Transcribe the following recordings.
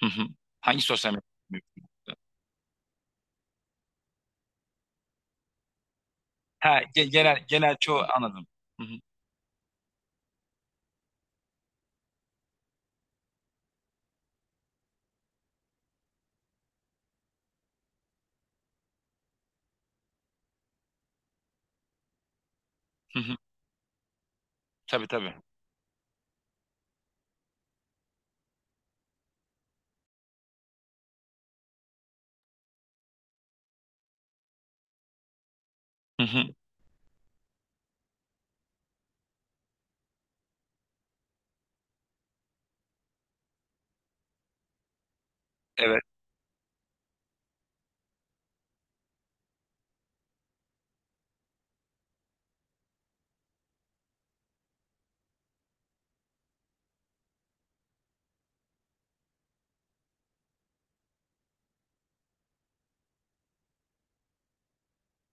Hı hı. Hangi sosyal medya? Ha, genel çoğu anladım. Hı hı. Hı hı. Tabii tabii. Hı hı. Evet.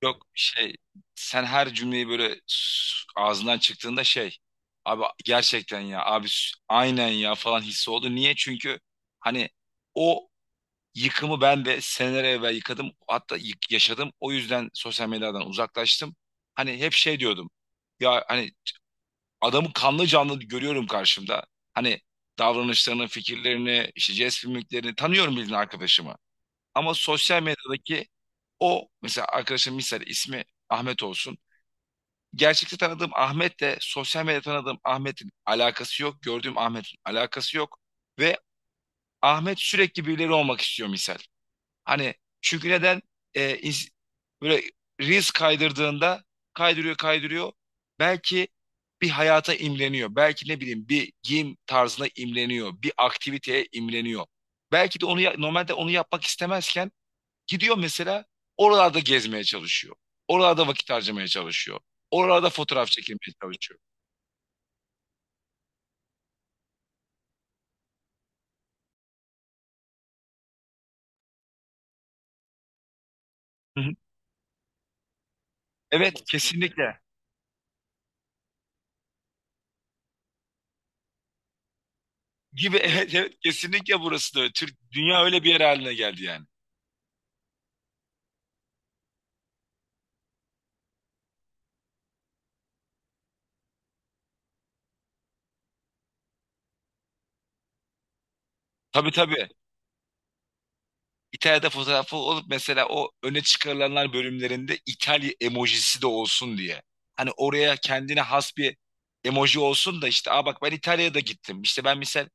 Yok, şey, sen her cümleyi böyle ağzından çıktığında şey, abi gerçekten ya abi aynen ya falan hissi oldu. Niye? Çünkü hani o yıkımı ben de seneler evvel yıkadım. Hatta yaşadım. O yüzden sosyal medyadan uzaklaştım. Hani hep şey diyordum. Ya hani adamı kanlı canlı görüyorum karşımda. Hani davranışlarını, fikirlerini, işte jest mimiklerini tanıyorum bildiğin arkadaşımı. Ama sosyal medyadaki o, mesela arkadaşım misal ismi Ahmet olsun. Gerçekte tanıdığım Ahmet'le sosyal medyada tanıdığım Ahmet'in alakası yok. Gördüğüm Ahmet'in alakası yok. Ve Ahmet sürekli birileri olmak istiyor misal. Hani çünkü neden, e, ins- böyle Reels kaydırdığında kaydırıyor kaydırıyor. Belki bir hayata imleniyor. Belki ne bileyim bir giyim tarzına imleniyor. Bir aktiviteye imleniyor. Belki de onu normalde onu yapmak istemezken gidiyor mesela oralarda gezmeye çalışıyor. Oralarda vakit harcamaya çalışıyor. Oralarda fotoğraf çekilmeye çalışıyor. Hı hı. Evet, kesinlikle. Gibi evet, evet kesinlikle burası da öyle. Dünya öyle bir yer haline geldi yani. Tabii tabii. İtalya'da fotoğrafı olup mesela o öne çıkarılanlar bölümlerinde İtalya emojisi de olsun diye. Hani oraya kendine has bir emoji olsun da işte, aa, bak ben İtalya'da gittim. İşte ben misal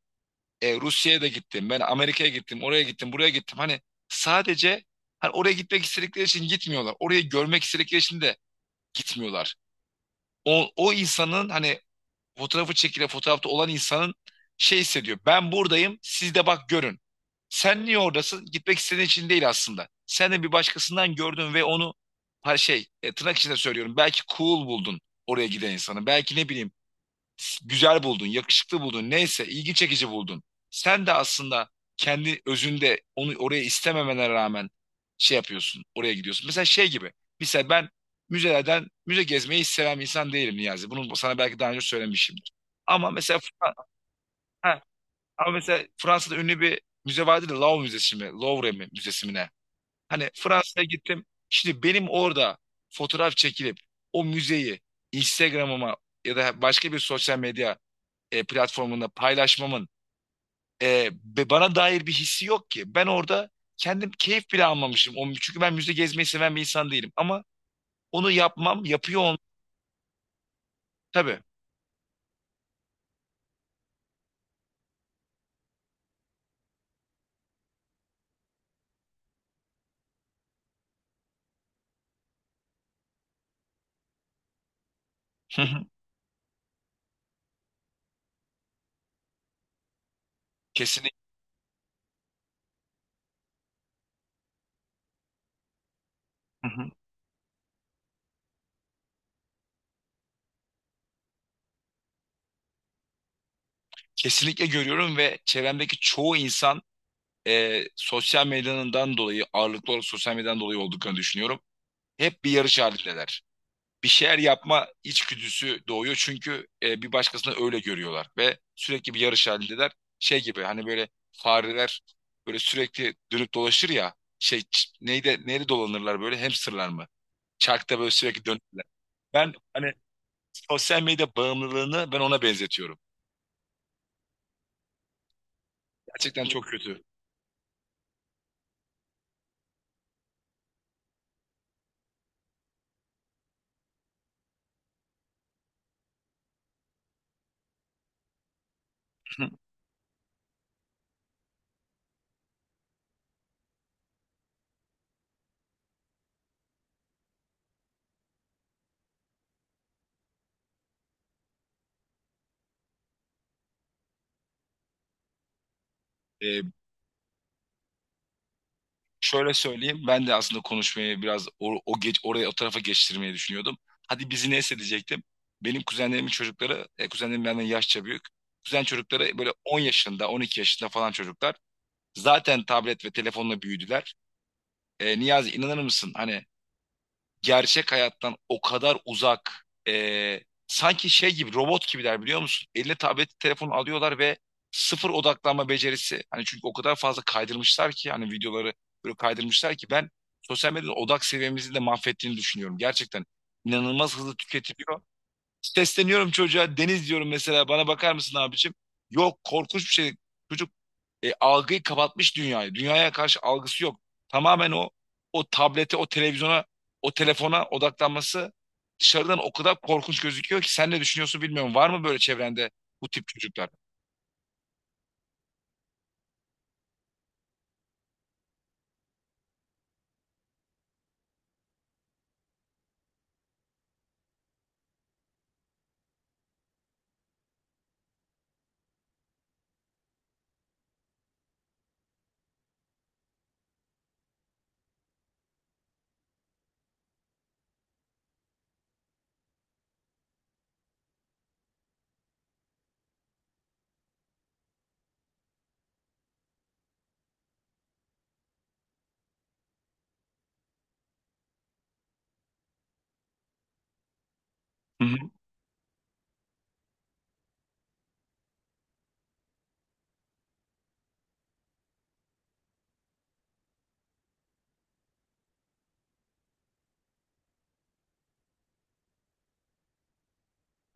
Rusya'ya da gittim. Ben Amerika'ya gittim. Oraya gittim. Buraya gittim. Hani sadece hani oraya gitmek istedikleri için gitmiyorlar. Orayı görmek istedikleri için de gitmiyorlar. O insanın hani fotoğrafı çekilen fotoğrafta olan insanın şey hissediyor. Ben buradayım, siz de bak görün. Sen niye oradasın? Gitmek istediğin için değil aslında. Sen de bir başkasından gördün ve onu, ha, şey, tırnak içinde söylüyorum. Belki cool buldun oraya giden insanı. Belki ne bileyim güzel buldun, yakışıklı buldun, neyse ilgi çekici buldun. Sen de aslında kendi özünde onu oraya istememene rağmen şey yapıyorsun, oraya gidiyorsun. Mesela şey gibi, mesela ben müzelerden müze gezmeyi hiç seven bir insan değilim Niyazi. Bunu sana belki daha önce söylemişimdir. Ama mesela, ha, Fransa'da ünlü bir müze vardı da Louvre Müzesi mi, Louvre mi, Müzesi mi ne? Hani Fransa'ya gittim. Şimdi benim orada fotoğraf çekilip o müzeyi Instagram'ıma ya da başka bir sosyal medya platformunda paylaşmamın e, bana dair bir hissi yok ki. Ben orada kendim keyif bile almamışım. Çünkü ben müze gezmeyi seven bir insan değilim. Ama onu yapmam, yapıyor olmam tabii. Hı hı. Kesinlikle. Hı hı. Kesinlikle görüyorum ve çevremdeki çoğu insan, sosyal medyanından dolayı, ağırlıklı olarak sosyal medyadan dolayı olduklarını düşünüyorum. Hep bir yarış halindeler. Bir şeyler yapma içgüdüsü doğuyor. Çünkü bir başkasını öyle görüyorlar ve sürekli bir yarış halindeler. Şey gibi hani böyle fareler böyle sürekli dönüp dolaşır ya şey, neyde neyde dolanırlar böyle, hamsterlar mı? Çarkta böyle sürekli dönürler. Ben hani sosyal medya bağımlılığını ben ona benzetiyorum. Gerçekten çok kötü. E, Şöyle söyleyeyim, ben de aslında konuşmayı biraz o geç oraya o tarafa geçtirmeyi düşünüyordum. Hadi bizi neyse diyecektim. Benim kuzenlerimin çocukları, kuzenlerim benden yaşça büyük. Kuzen çocukları böyle 10 yaşında, 12 yaşında falan çocuklar. Zaten tablet ve telefonla büyüdüler. Niyazi, inanır mısın? Hani gerçek hayattan o kadar uzak, e, sanki şey gibi robot gibiler biliyor musun? Eline tablet telefon alıyorlar ve sıfır odaklanma becerisi. Hani çünkü o kadar fazla kaydırmışlar ki hani videoları böyle kaydırmışlar ki ben sosyal medyanın odak seviyemizi de mahvettiğini düşünüyorum. Gerçekten inanılmaz hızlı tüketiliyor. Sesleniyorum çocuğa, Deniz diyorum mesela, bana bakar mısın abicim? Yok, korkunç bir şey. Çocuk algıyı kapatmış dünyayı. Dünyaya karşı algısı yok. Tamamen o tablete, o televizyona, o telefona odaklanması dışarıdan o kadar korkunç gözüküyor ki, sen ne düşünüyorsun bilmiyorum. Var mı böyle çevrende bu tip çocuklar? Hı hı,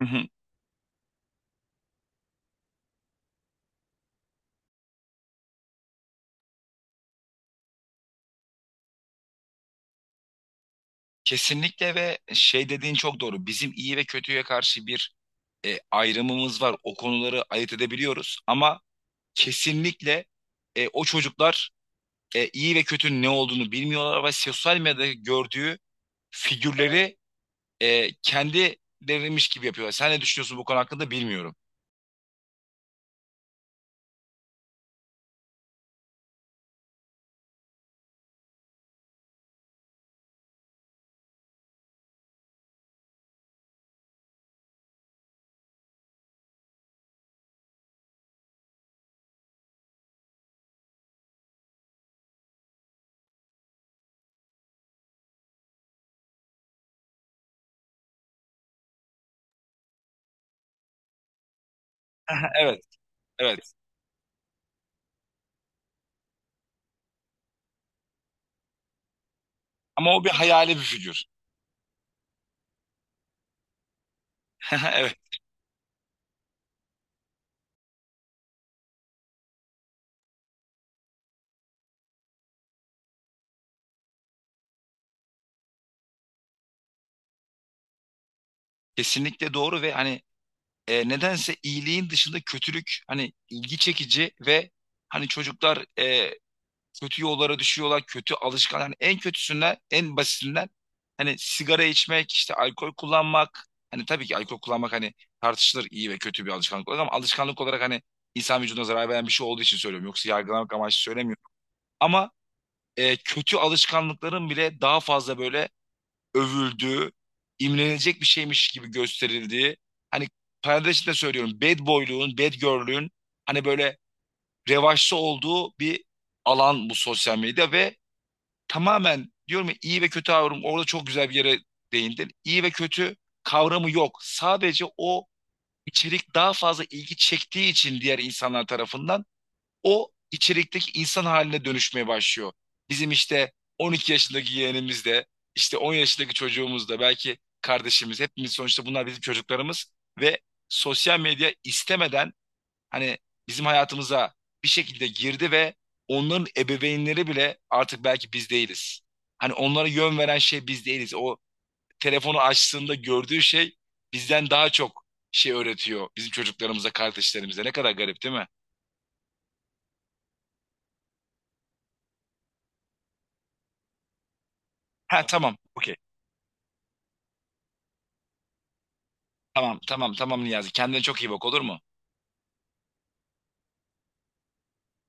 hı hı. Kesinlikle ve şey dediğin çok doğru. Bizim iyi ve kötüye karşı bir ayrımımız var. O konuları ayırt edebiliyoruz ama kesinlikle o çocuklar iyi ve kötünün ne olduğunu bilmiyorlar ve sosyal medyada gördüğü figürleri kendilerinmiş gibi yapıyorlar. Sen ne düşünüyorsun bu konu hakkında bilmiyorum. Evet, evet. Ama o bir hayali bir figür. Evet, kesinlikle doğru ve hani nedense iyiliğin dışında kötülük hani ilgi çekici ve hani çocuklar kötü yollara düşüyorlar, kötü alışkan. Hani en kötüsünden, en basitinden, hani sigara içmek, işte alkol kullanmak. Hani tabii ki alkol kullanmak hani tartışılır, iyi ve kötü bir alışkanlık olarak, ama alışkanlık olarak hani insan vücuduna zarar veren bir şey olduğu için söylüyorum. Yoksa yargılamak amaçlı söylemiyorum. Ama kötü alışkanlıkların bile daha fazla böyle övüldüğü, imrenilecek bir şeymiş gibi gösterildiği, hani parantez içinde söylüyorum, bad boyluğun, bad girl'lüğün hani böyle revaçta olduğu bir alan bu sosyal medya ve tamamen diyorum ya, iyi ve kötü kavramı orada çok güzel bir yere değindin. İyi ve kötü kavramı yok. Sadece o içerik daha fazla ilgi çektiği için diğer insanlar tarafından o içerikteki insan haline dönüşmeye başlıyor. Bizim işte 12 yaşındaki yeğenimiz de, işte 10 yaşındaki çocuğumuz da, belki kardeşimiz, hepimiz sonuçta bunlar bizim çocuklarımız ve sosyal medya istemeden hani bizim hayatımıza bir şekilde girdi ve onların ebeveynleri bile artık belki biz değiliz. Hani onlara yön veren şey biz değiliz. O telefonu açtığında gördüğü şey bizden daha çok şey öğretiyor bizim çocuklarımıza, kardeşlerimize. Ne kadar garip değil mi? Ha, tamam. Okey. Tamam tamam tamam Niyazi. Kendine çok iyi bak, olur mu?